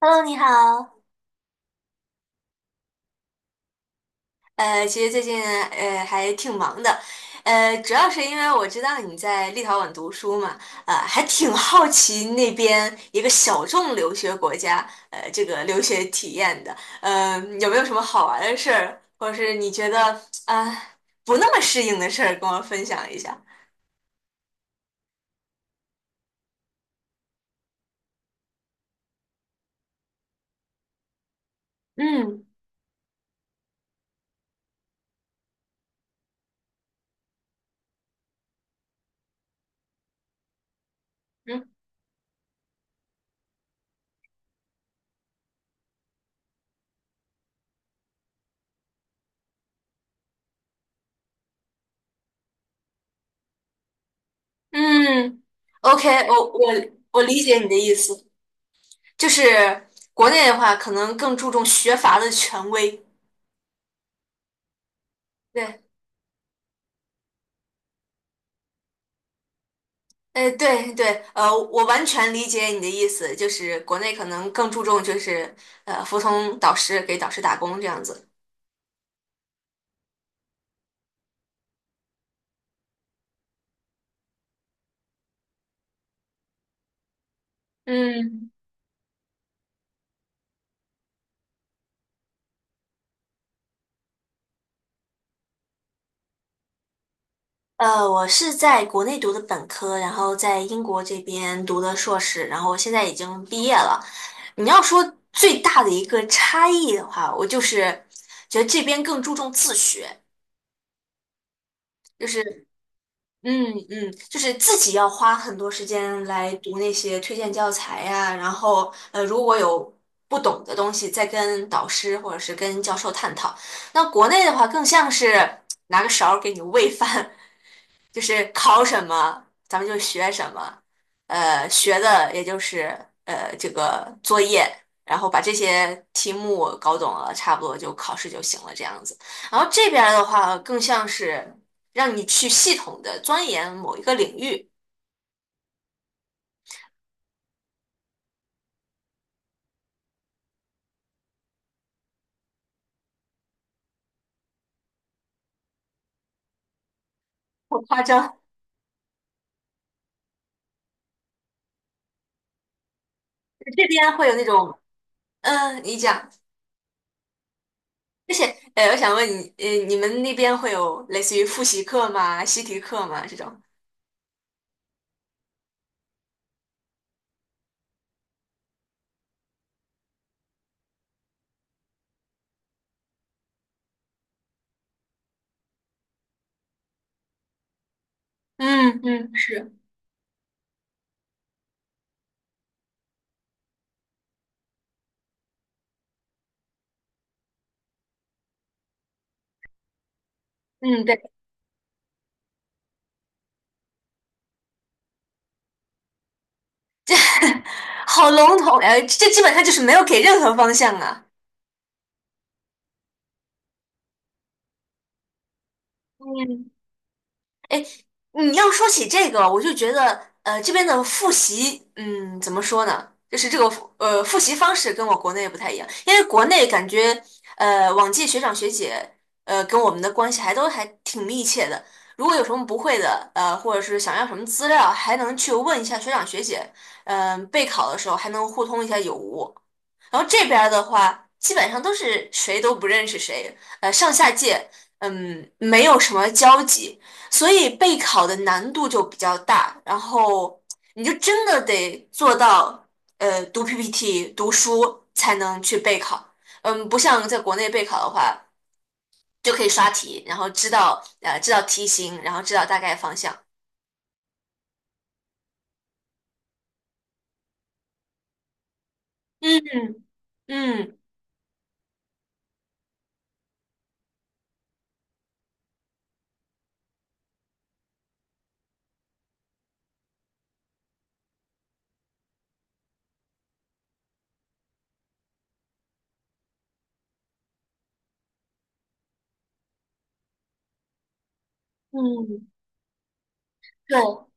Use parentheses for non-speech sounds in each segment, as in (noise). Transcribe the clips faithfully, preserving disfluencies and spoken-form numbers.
Hello，你好。呃，其实最近呃还挺忙的，呃，主要是因为我知道你在立陶宛读书嘛，呃，还挺好奇那边一个小众留学国家，呃，这个留学体验的，呃，有没有什么好玩的事儿，或者是你觉得啊、呃不那么适应的事儿，跟我分享一下？嗯嗯嗯，OK,我我我理解你的意思，就是国内的话，可能更注重学阀的权威。对。哎，对对，呃，我完全理解你的意思，就是国内可能更注重就是呃服从导师，给导师打工这样子。嗯，呃，我是在国内读的本科，然后在英国这边读的硕士，然后现在已经毕业了。你要说最大的一个差异的话，我就是觉得这边更注重自学。就是。嗯嗯，就是自己要花很多时间来读那些推荐教材呀，然后呃，如果有不懂的东西，再跟导师或者是跟教授探讨。那国内的话，更像是拿个勺儿给你喂饭，就是考什么咱们就学什么，呃，学的也就是呃这个作业，然后把这些题目搞懂了，差不多就考试就行了这样子。然后这边儿的话更像是让你去系统的钻研某一个领域，好夸张。这边会有那种，嗯，你讲，而且，呃，我想问你，呃，你们那边会有类似于复习课吗？习题课吗？这种？嗯嗯，是，嗯，对。(laughs) 这好笼统呀，这基本上就是没有给任何方向啊。嗯你要说起这个，我就觉得，呃，这边的复习，嗯，怎么说呢？就是这个复呃，复习方式跟我国内不太一样，因为国内感觉，呃，往届学长学姐，呃，跟我们的关系还都还挺密切的。如果有什么不会的，呃，或者是想要什么资料，还能去问一下学长学姐，嗯、备考的时候还能互通一下有无。然后这边儿的话，基本上都是谁都不认识谁，呃，上下届，嗯，没有什么交集。所以备考的难度就比较大，然后你就真的得做到，呃，读 P P T、读书才能去备考。嗯，不像在国内备考的话，就可以刷题，然后知道呃知道题型，然后知道大概方向。嗯嗯嗯，对。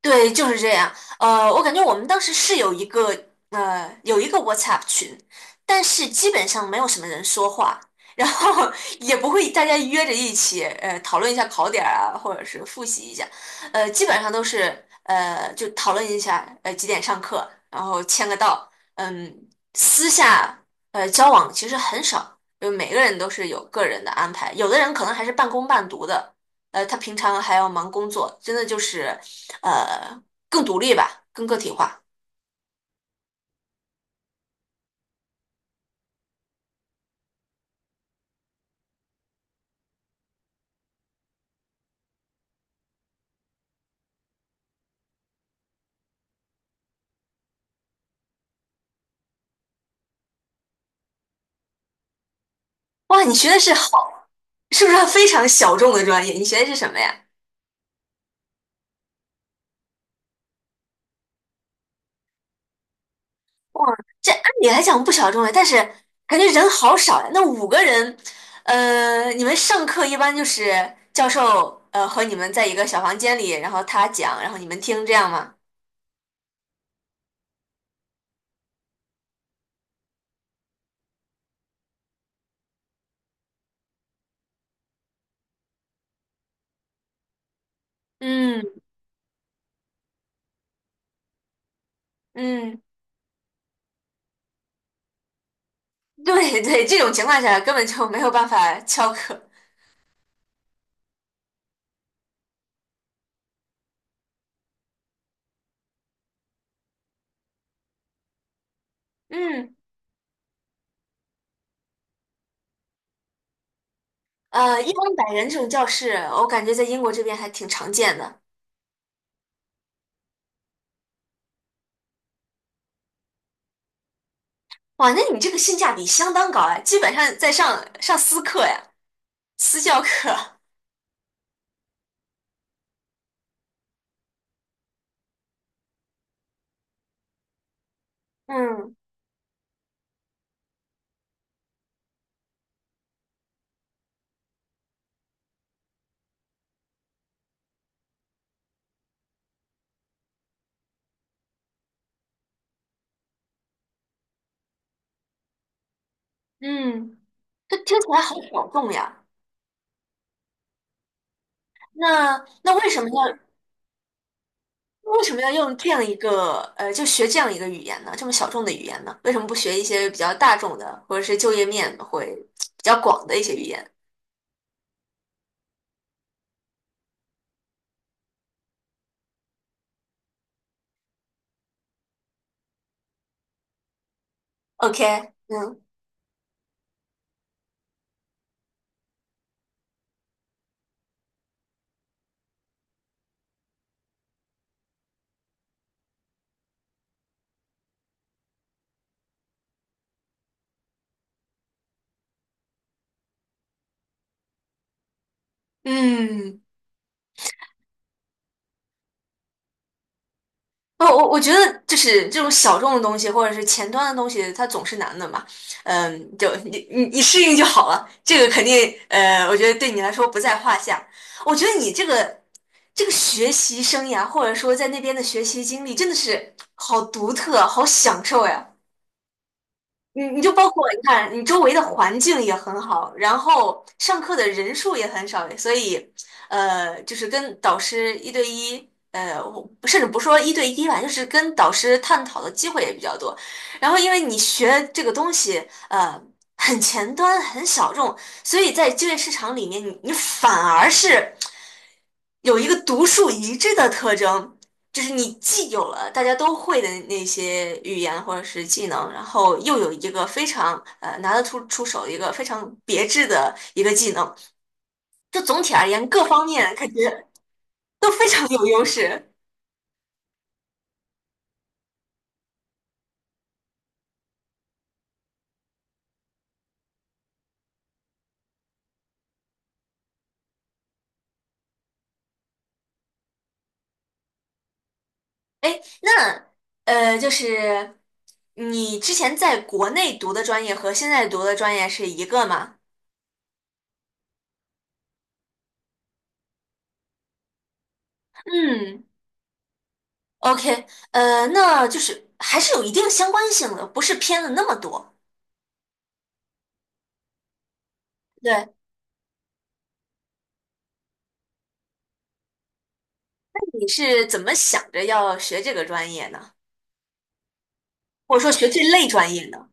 对，就是这样。呃，我感觉我们当时是有一个呃有一个 WhatsApp 群，但是基本上没有什么人说话，然后 (laughs) 也不会大家约着一起呃讨论一下考点儿啊，或者是复习一下，呃，基本上都是呃就讨论一下呃几点上课，然后签个到，嗯，私下呃交往其实很少，就每个人都是有个人的安排，有的人可能还是半工半读的。呃，他平常还要忙工作，真的就是呃更独立吧，更个体化。哇，你学的是好，是不是非常小众的专业？你学的是什么呀？这按理来讲不小众呀，但是感觉人好少呀。那五个人，呃，你们上课一般就是教授呃和你们在一个小房间里，然后他讲，然后你们听，这样吗？嗯嗯，对对，这种情况下根本就没有办法翘课。嗯。呃，一般百人这种教室，我感觉在英国这边还挺常见的。哇，那你这个性价比相当高哎，基本上在上上私课呀，私教课。(laughs) 嗯嗯，这听起来好小众呀。那那为什么要为什么要用这样一个呃，就学这样一个语言呢？这么小众的语言呢？为什么不学一些比较大众的，或者是就业面会比较广的一些语言？OK，嗯嗯。哦，我我觉得就是这种小众的东西，或者是前端的东西，它总是难的嘛。嗯，就你你你适应就好了，这个肯定呃，我觉得对你来说不在话下。我觉得你这个这个学习生涯，或者说在那边的学习经历，真的是好独特，好享受呀。你你就包括你看，你周围的环境也很好，然后上课的人数也很少，所以，呃，就是跟导师一对一，呃，我甚至不说一对一吧，就是跟导师探讨的机会也比较多。然后，因为你学这个东西，呃，很前端、很小众，所以在就业市场里面，你你反而是有一个独树一帜的特征。就是你既有了大家都会的那些语言或者是技能，然后又有一个非常呃拿得出出手的一个非常别致的一个技能，就总体而言各方面感觉都非常有优势。哎，那呃就是你之前在国内读的专业和现在读的专业是一个吗？嗯，OK，呃，那就是还是有一定相关性的，不是偏了那么多。对，那你是怎么想着要学这个专业呢？或者说学这类专业的，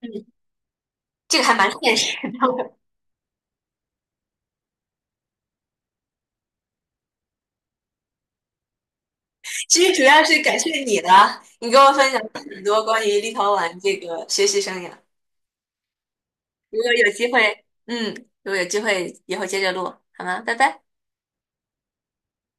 嗯，这个还蛮现实的。(laughs) 其实主要是感谢你的，你给我分享了很多关于立陶宛这个学习生涯。如果有机会，嗯，如果有机会以后接着录，好吗？拜拜。